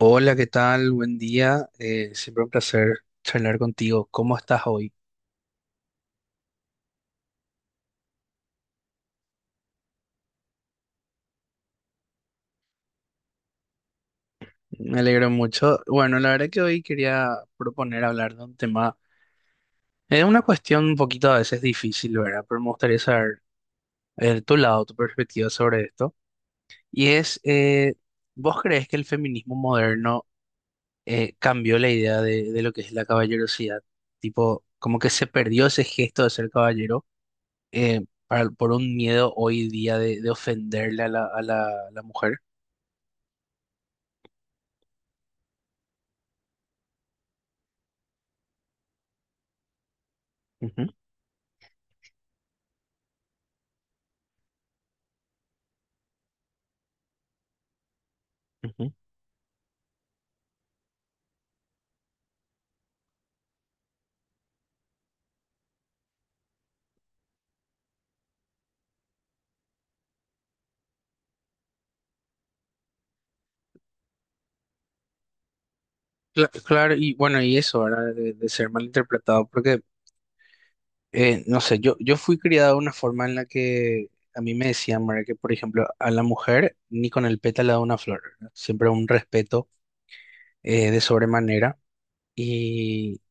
Hola, ¿qué tal? Buen día. Siempre un placer charlar contigo. ¿Cómo estás hoy? Me alegro mucho. Bueno, la verdad que hoy quería proponer hablar de un tema, es una cuestión un poquito a veces difícil, ¿verdad? Pero me gustaría saber tu lado, tu perspectiva sobre esto. Y es, ¿vos crees que el feminismo moderno cambió la idea de lo que es la caballerosidad? Tipo, como que se perdió ese gesto de ser caballero eh, por un miedo hoy día de ofenderle a la, a la a la mujer. Ujú, ujú. Claro, y bueno, y eso, ¿verdad? De ser malinterpretado, porque, no sé, yo fui criado de una forma en la que a mí me decían, ¿verdad? Que, por ejemplo, a la mujer ni con el pétalo de una flor, ¿verdad? Siempre un respeto de sobremanera. Y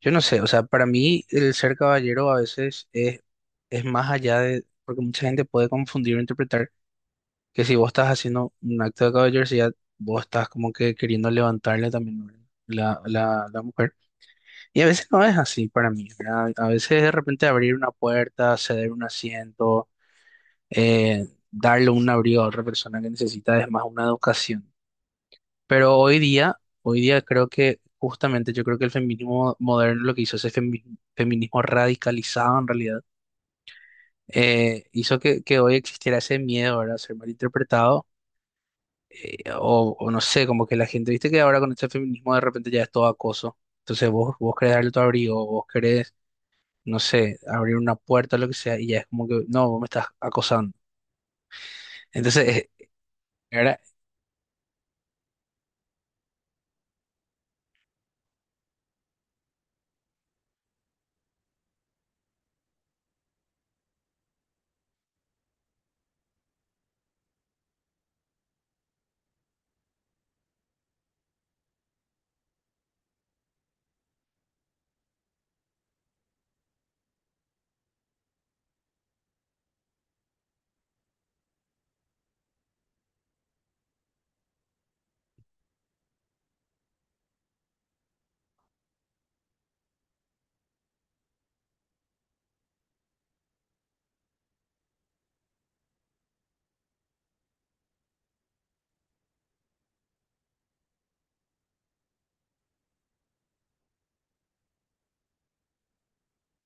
yo no sé, o sea, para mí el ser caballero a veces es más allá de, porque mucha gente puede confundir o interpretar que si vos estás haciendo un acto de caballerosidad, vos estás como que queriendo levantarle también, ¿verdad? La, la mujer. Y a veces no es así para mí, ¿verdad? A veces de repente abrir una puerta, ceder un asiento, darle un abrigo a otra persona que necesita es más una educación. Pero hoy día creo que justamente yo creo que el feminismo moderno lo que hizo ese feminismo radicalizado en realidad, hizo que hoy existiera ese miedo, ¿verdad? A ser malinterpretado, o no sé, como que la gente, viste que ahora con este feminismo de repente ya es todo acoso. Entonces vos, vos querés darle tu abrigo, vos querés no sé, abrir una puerta o lo que sea, y ya es como que, no, vos me estás acosando. Entonces, era,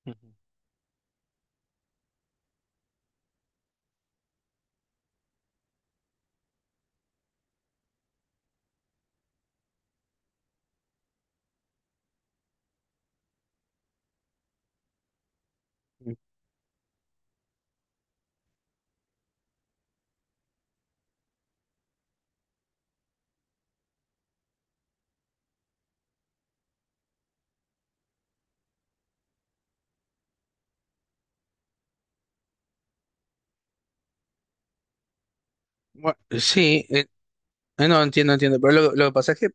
Ujú. Bueno, sí, no entiendo, entiendo, pero lo que pasa es que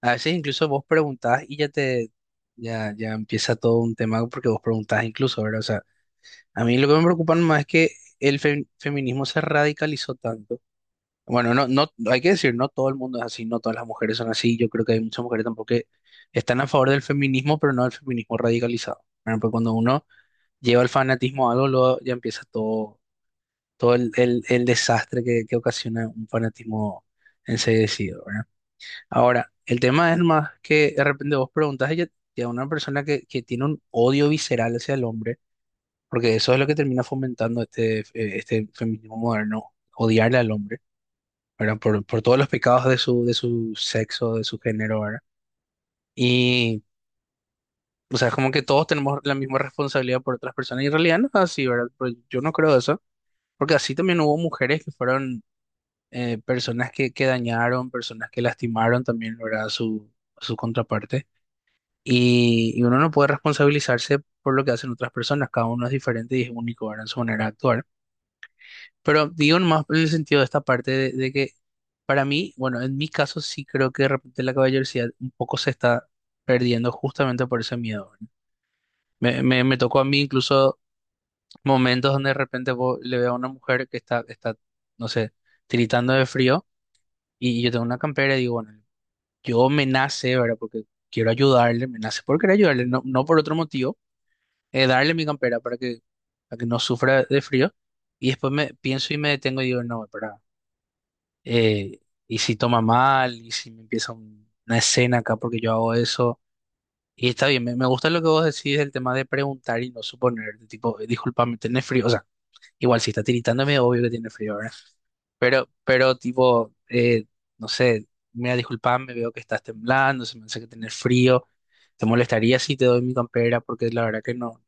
a veces incluso vos preguntás y ya te, ya, ya empieza todo un tema porque vos preguntás incluso, ¿verdad? O sea, a mí lo que me preocupa más es que el feminismo se radicalizó tanto. Bueno, no, no, hay que decir, no todo el mundo es así, no todas las mujeres son así, yo creo que hay muchas mujeres tampoco que están a favor del feminismo, pero no del feminismo radicalizado. Bueno, pues cuando uno lleva el fanatismo a algo, luego ya empieza todo, todo el desastre que ocasiona un fanatismo enseguecido, ¿verdad? Ahora, el tema es más que de repente vos preguntas a ella, a una persona que tiene un odio visceral hacia el hombre, porque eso es lo que termina fomentando este, este feminismo moderno, odiarle al hombre, ¿verdad? Por todos los pecados de su sexo, de su género, ¿verdad? Y, o sea, es como que todos tenemos la misma responsabilidad por otras personas, y en realidad no es así, ¿verdad? Pero yo no creo eso. Porque así también hubo mujeres que fueron personas que dañaron, personas que lastimaron también, ¿verdad? A su, a su contraparte. Y uno no puede responsabilizarse por lo que hacen otras personas, cada uno es diferente y es único, ¿verdad? En su manera de actuar. Pero digo más en el sentido de esta parte de que para mí, bueno, en mi caso sí creo que de repente la caballerosidad un poco se está perdiendo justamente por ese miedo, ¿verdad? Me tocó a mí incluso momentos donde de repente vos le veo a una mujer que está, está, no sé, tiritando de frío. Y yo tengo una campera y digo, bueno, yo me nace, ¿verdad? Porque quiero ayudarle, me nace por querer ayudarle, no, no por otro motivo, darle mi campera para que no sufra de frío. Y después me pienso y me detengo y digo, no, espera, eh, y si toma mal, y si me empieza una escena acá porque yo hago eso. Y está bien, me gusta lo que vos decís del tema de preguntar y no suponer, de tipo, discúlpame, ¿tenés frío? O sea, igual si está tiritando tiritándome, obvio que tiene frío. Pero tipo, no sé, mira, disculpame, veo que estás temblando, se me hace que tener frío. ¿Te molestaría si te doy mi campera? Porque la verdad que no.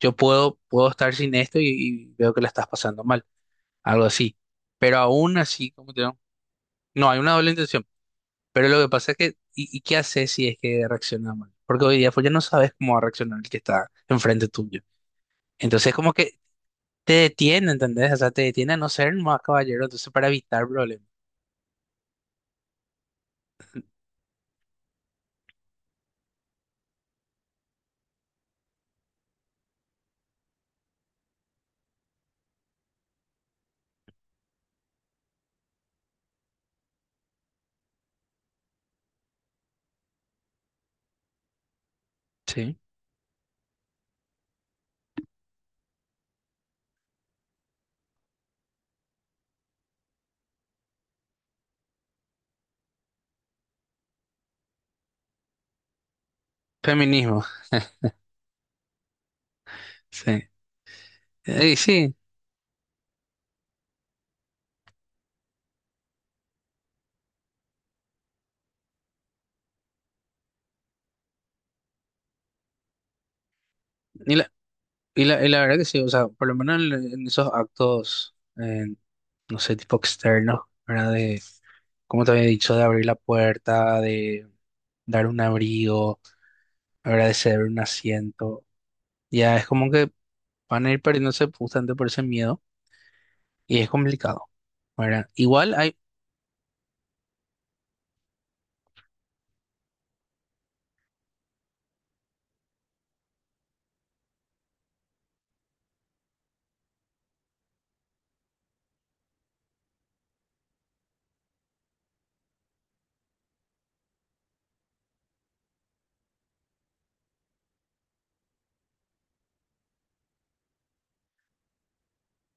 Yo puedo, puedo estar sin esto y veo que la estás pasando mal, algo así. Pero aún así, como te digo, no, hay una doble intención. Pero lo que pasa es que, y qué haces si es que reacciona mal? Porque hoy día pues ya no sabes cómo va a reaccionar el que está enfrente tuyo. Entonces como que te detiene, ¿entendés? O sea, te detiene a no ser más caballero, entonces para evitar problemas. Sí. Feminismo. Sí, y sí, y la, y la, y la verdad que sí, o sea, por lo menos en esos actos, no sé, tipo externos, ¿verdad? De, como te había dicho, de abrir la puerta, de dar un abrigo, agradecer un asiento, ya es como que van a ir perdiéndose justamente por ese miedo y es complicado, ¿verdad? Igual hay,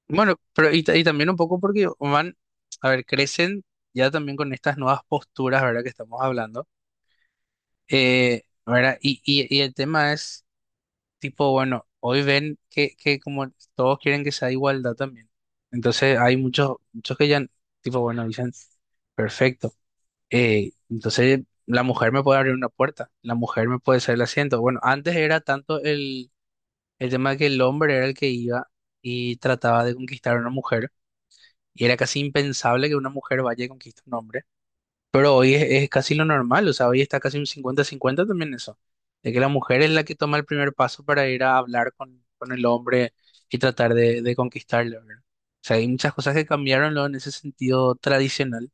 bueno, pero y, y también un poco porque van, a ver, crecen ya también con estas nuevas posturas, ¿verdad? Que estamos hablando. ¿Verdad? Y el tema es tipo, bueno, hoy ven que como todos quieren que sea igualdad también. Entonces hay muchos, muchos que ya, tipo, bueno, dicen, perfecto. Entonces la mujer me puede abrir una puerta, la mujer me puede hacer el asiento. Bueno, antes era tanto el tema de que el hombre era el que iba y trataba de conquistar a una mujer, y era casi impensable que una mujer vaya y conquiste a un hombre. Pero hoy es casi lo normal, o sea, hoy está casi un cincuenta-cincuenta también eso, de que la mujer es la que toma el primer paso para ir a hablar con el hombre y tratar de conquistarle, ¿verdad? O sea, hay muchas cosas que cambiaron, ¿no? En ese sentido tradicional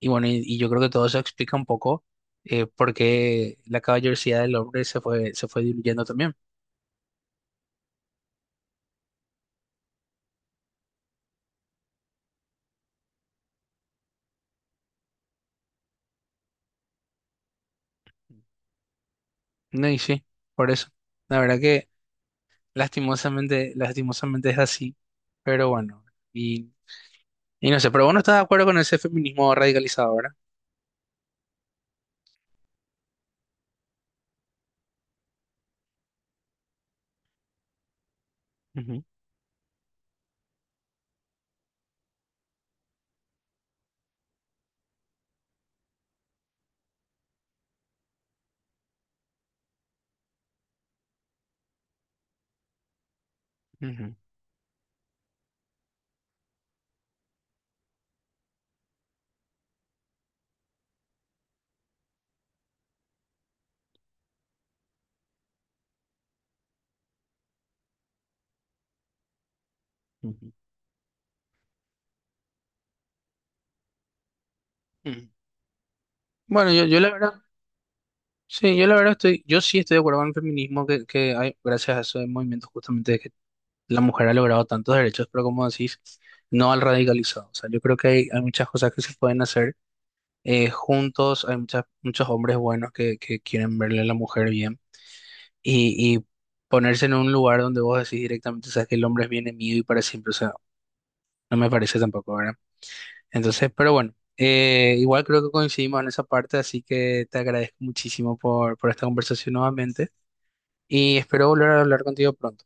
y bueno, y yo creo que todo eso explica un poco por qué la caballerosidad del hombre se fue diluyendo también. No, y sí, por eso. La verdad que lastimosamente, lastimosamente es así, pero bueno, y, y no sé, pero vos no estás de acuerdo con ese feminismo radicalizado, ¿verdad? Ujú, ujú, ujú, ujú. Bueno, yo la verdad, sí, yo la verdad estoy, yo sí estoy de acuerdo con el feminismo que hay gracias a esos movimientos justamente de que la mujer ha logrado tantos derechos, pero como decís, no al radicalizado. O sea, yo creo que hay muchas cosas que se pueden hacer juntos, hay muchas, muchos hombres buenos que quieren verle a la mujer bien y ponerse en un lugar donde vos decís directamente, sabes que el hombre es bien mío y para siempre, o sea, no me parece tampoco, ¿verdad? Entonces, pero bueno, igual creo que coincidimos en esa parte, así que te agradezco muchísimo por esta conversación nuevamente y espero volver a hablar contigo pronto.